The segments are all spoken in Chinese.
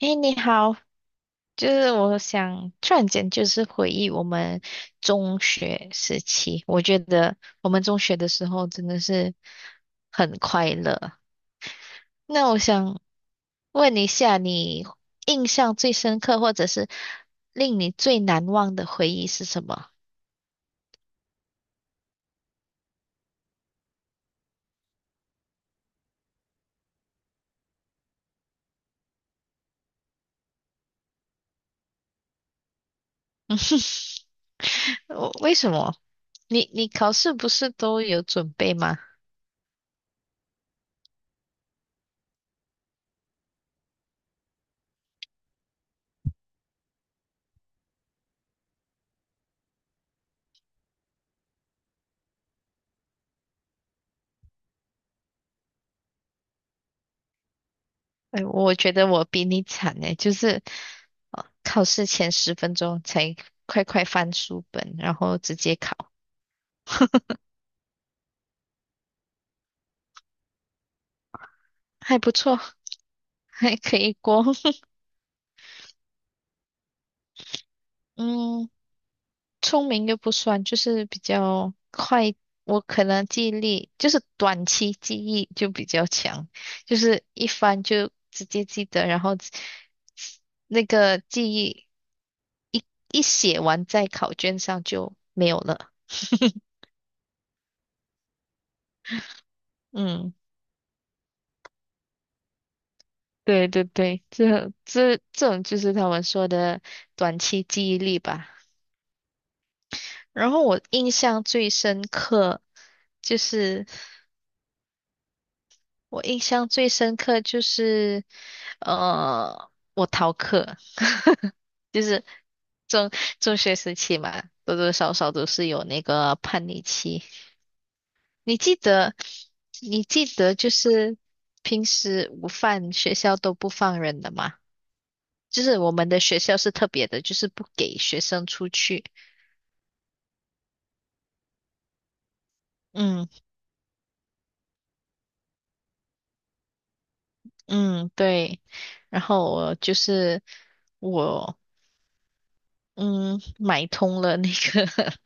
哎，你好，就是我想突然间就是回忆我们中学时期，我觉得我们中学的时候真的是很快乐。那我想问一下，你印象最深刻或者是令你最难忘的回忆是什么？我为什么？你考试不是都有准备吗？哎，我觉得我比你惨哎，就是，考试前10分钟才快快翻书本，然后直接考，还不错。还可以过。嗯，聪明又不算，就是比较快。我可能记忆力就是短期记忆就比较强，就是一翻就直接记得，然后那个记忆一一写完在考卷上就没有了。嗯。对对对，这种就是他们说的短期记忆力吧。然后我印象最深刻就是我印象最深刻就是呃我逃课，就是中中学时期嘛，多多少少都是有那个叛逆期。你记得你记得就是平时午饭学校都不放人的吗？就是我们的学校是特别的，就是不给学生出去。嗯嗯，对。然后我就是我嗯买通了那个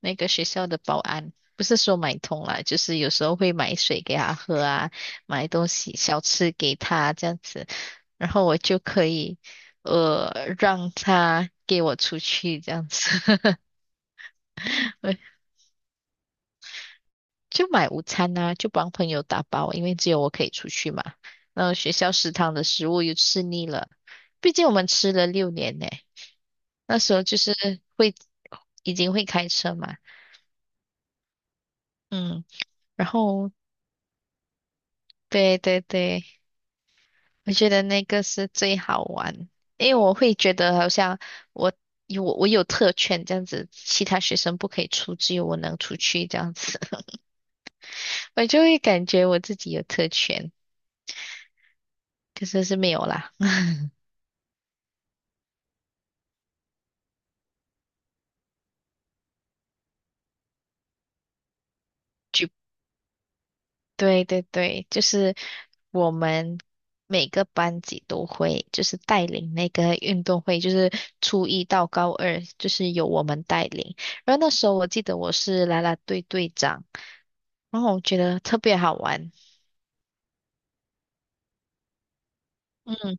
那个学校的保安，不是说买通了，就是有时候会买水给他喝啊，买东西小吃给他这样子，然后我就可以让他给我出去这样子。就买午餐啊，就帮朋友打包，因为只有我可以出去嘛。然后学校食堂的食物又吃腻了，毕竟我们吃了6年呢。那时候就是会已经会开车嘛，嗯，然后对对对，我觉得那个是最好玩，因为我会觉得好像我我有特权这样子，其他学生不可以出，只有我能出去这样子，我就会感觉我自己有特权，可是是没有啦。对对对，就是我们每个班级都会，就是带领那个运动会，就是初一到高二，就是由我们带领。然后那时候我记得我是啦啦队队长，然后我觉得特别好玩。嗯，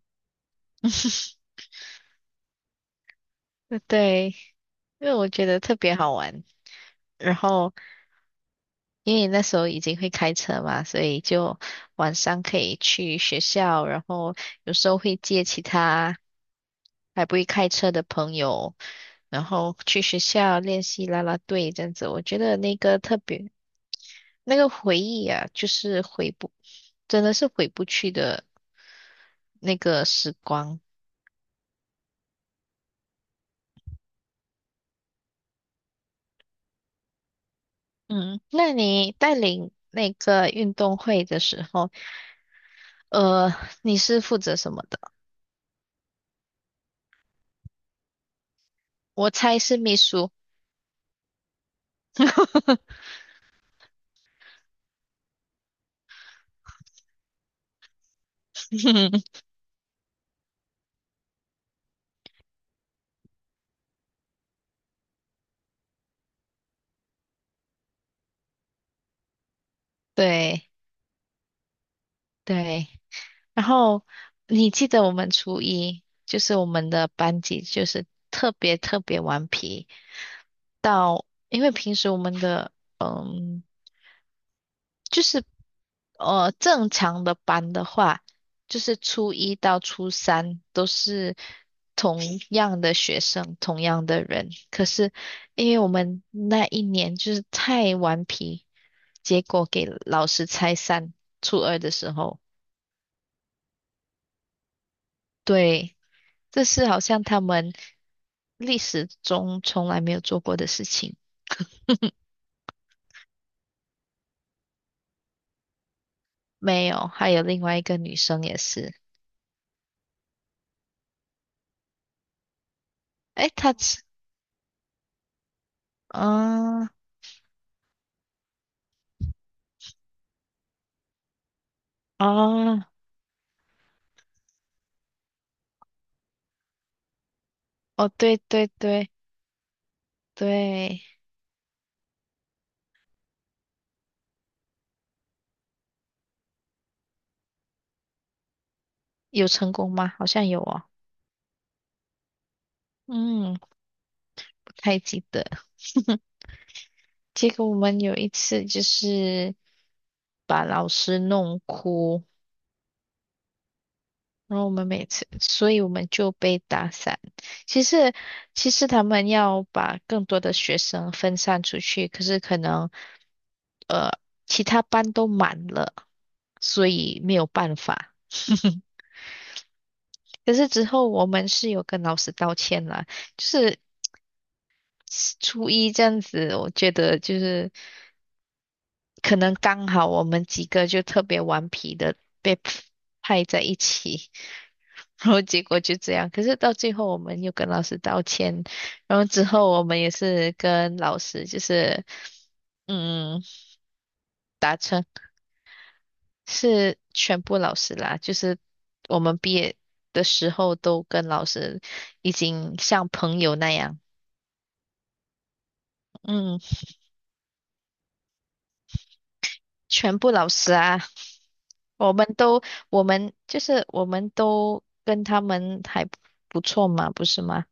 对，因为我觉得特别好玩。然后因为那时候已经会开车嘛，所以就晚上可以去学校，然后有时候会接其他。还不会开车的朋友，然后去学校练习啦啦队这样子，我觉得那个特别那个回忆啊，就是回不，真的是回不去的那个时光。嗯，那你带领那个运动会的时候，呃，你是负责什么的？我猜是秘书。对对，然后你记得我们初一，就是我们的班级就是特别特别顽皮。到，因为平时我们的嗯，就是正常的班的话，就是初一到初三都是同样的学生，同样的人。可是因为我们那一年就是太顽皮，结果给老师拆散。初二的时候，对，这是好像他们历史中从来没有做过的事情。没有，还有另外一个女生也是。诶，她啊啊哦，对对对对，有成功吗？好像有哦，嗯，不太记得。结果我们有一次就是把老师弄哭，然后我们每次，所以我们就被打散。其实，其实他们要把更多的学生分散出去，可是可能其他班都满了，所以没有办法。可是之后我们是有跟老师道歉啦，就是初一这样子，我觉得就是可能刚好我们几个就特别顽皮的被 派在一起，然后结果就这样。可是到最后我们又跟老师道歉，然后之后我们也是跟老师就是嗯达成是全部老师啦，就是我们毕业的时候都跟老师已经像朋友那样。嗯。全部老师啊，我们都，我们就是我们都跟他们还不错嘛，不是吗？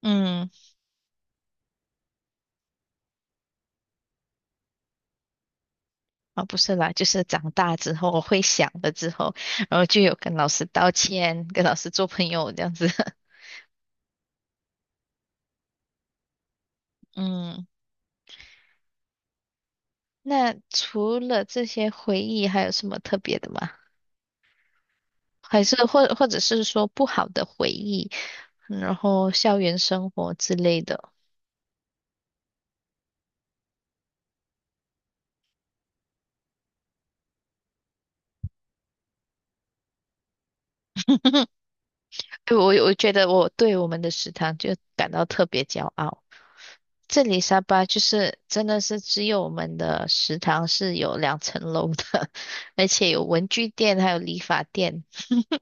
嗯，啊，不是啦，就是长大之后，我会想了之后，然后就有跟老师道歉，跟老师做朋友这样子。嗯，那除了这些回忆，还有什么特别的吗？还是或者是说不好的回忆，然后校园生活之类的？我觉得我对我们的食堂就感到特别骄傲。这里沙巴就是真的是只有我们的食堂是有2层楼的，而且有文具店，还有理发店。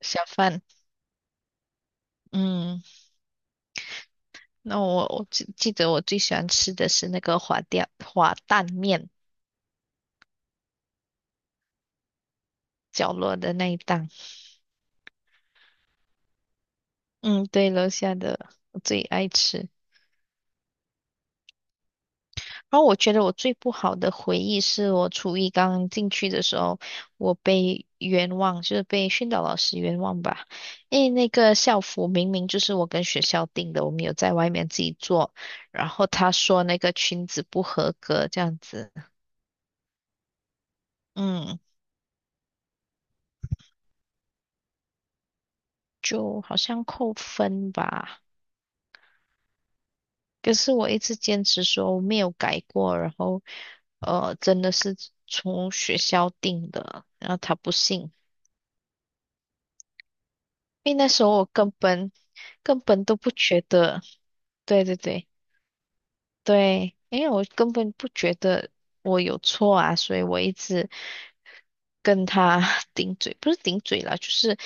小贩。嗯，那我记得我最喜欢吃的是那个滑蛋面角落的那一档。嗯，对，楼下的我最爱吃。然后我觉得我最不好的回忆是我初一刚进去的时候，我被冤枉，就是被训导老师冤枉吧。因为那个校服明明就是我跟学校订的，我们有在外面自己做，然后他说那个裙子不合格这样子，嗯，就好像扣分吧。可是我一直坚持说我没有改过，然后真的是从学校订的，然后他不信。因为那时候我根本都不觉得，对对对对，因为我根本不觉得我有错啊，所以我一直跟他 顶嘴，不是顶嘴啦，就是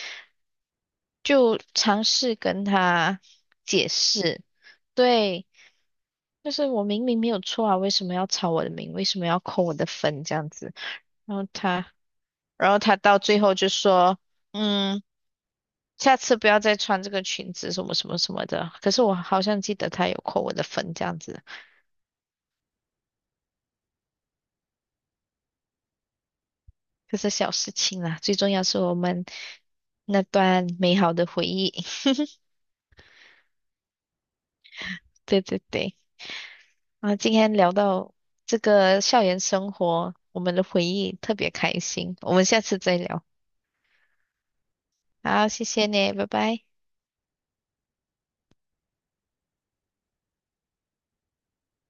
就尝试跟他解释，对，就是我明明没有错啊，为什么要抄我的名，为什么要扣我的分这样子，然后他，然后他到最后就说，嗯。下次不要再穿这个裙子，什么什么什么的。可是我好像记得他有扣我的分这样子。这是小事情啦，最重要是我们那段美好的回忆。对对对，啊，今天聊到这个校园生活，我们的回忆特别开心，我们下次再聊。好，谢谢你，拜拜。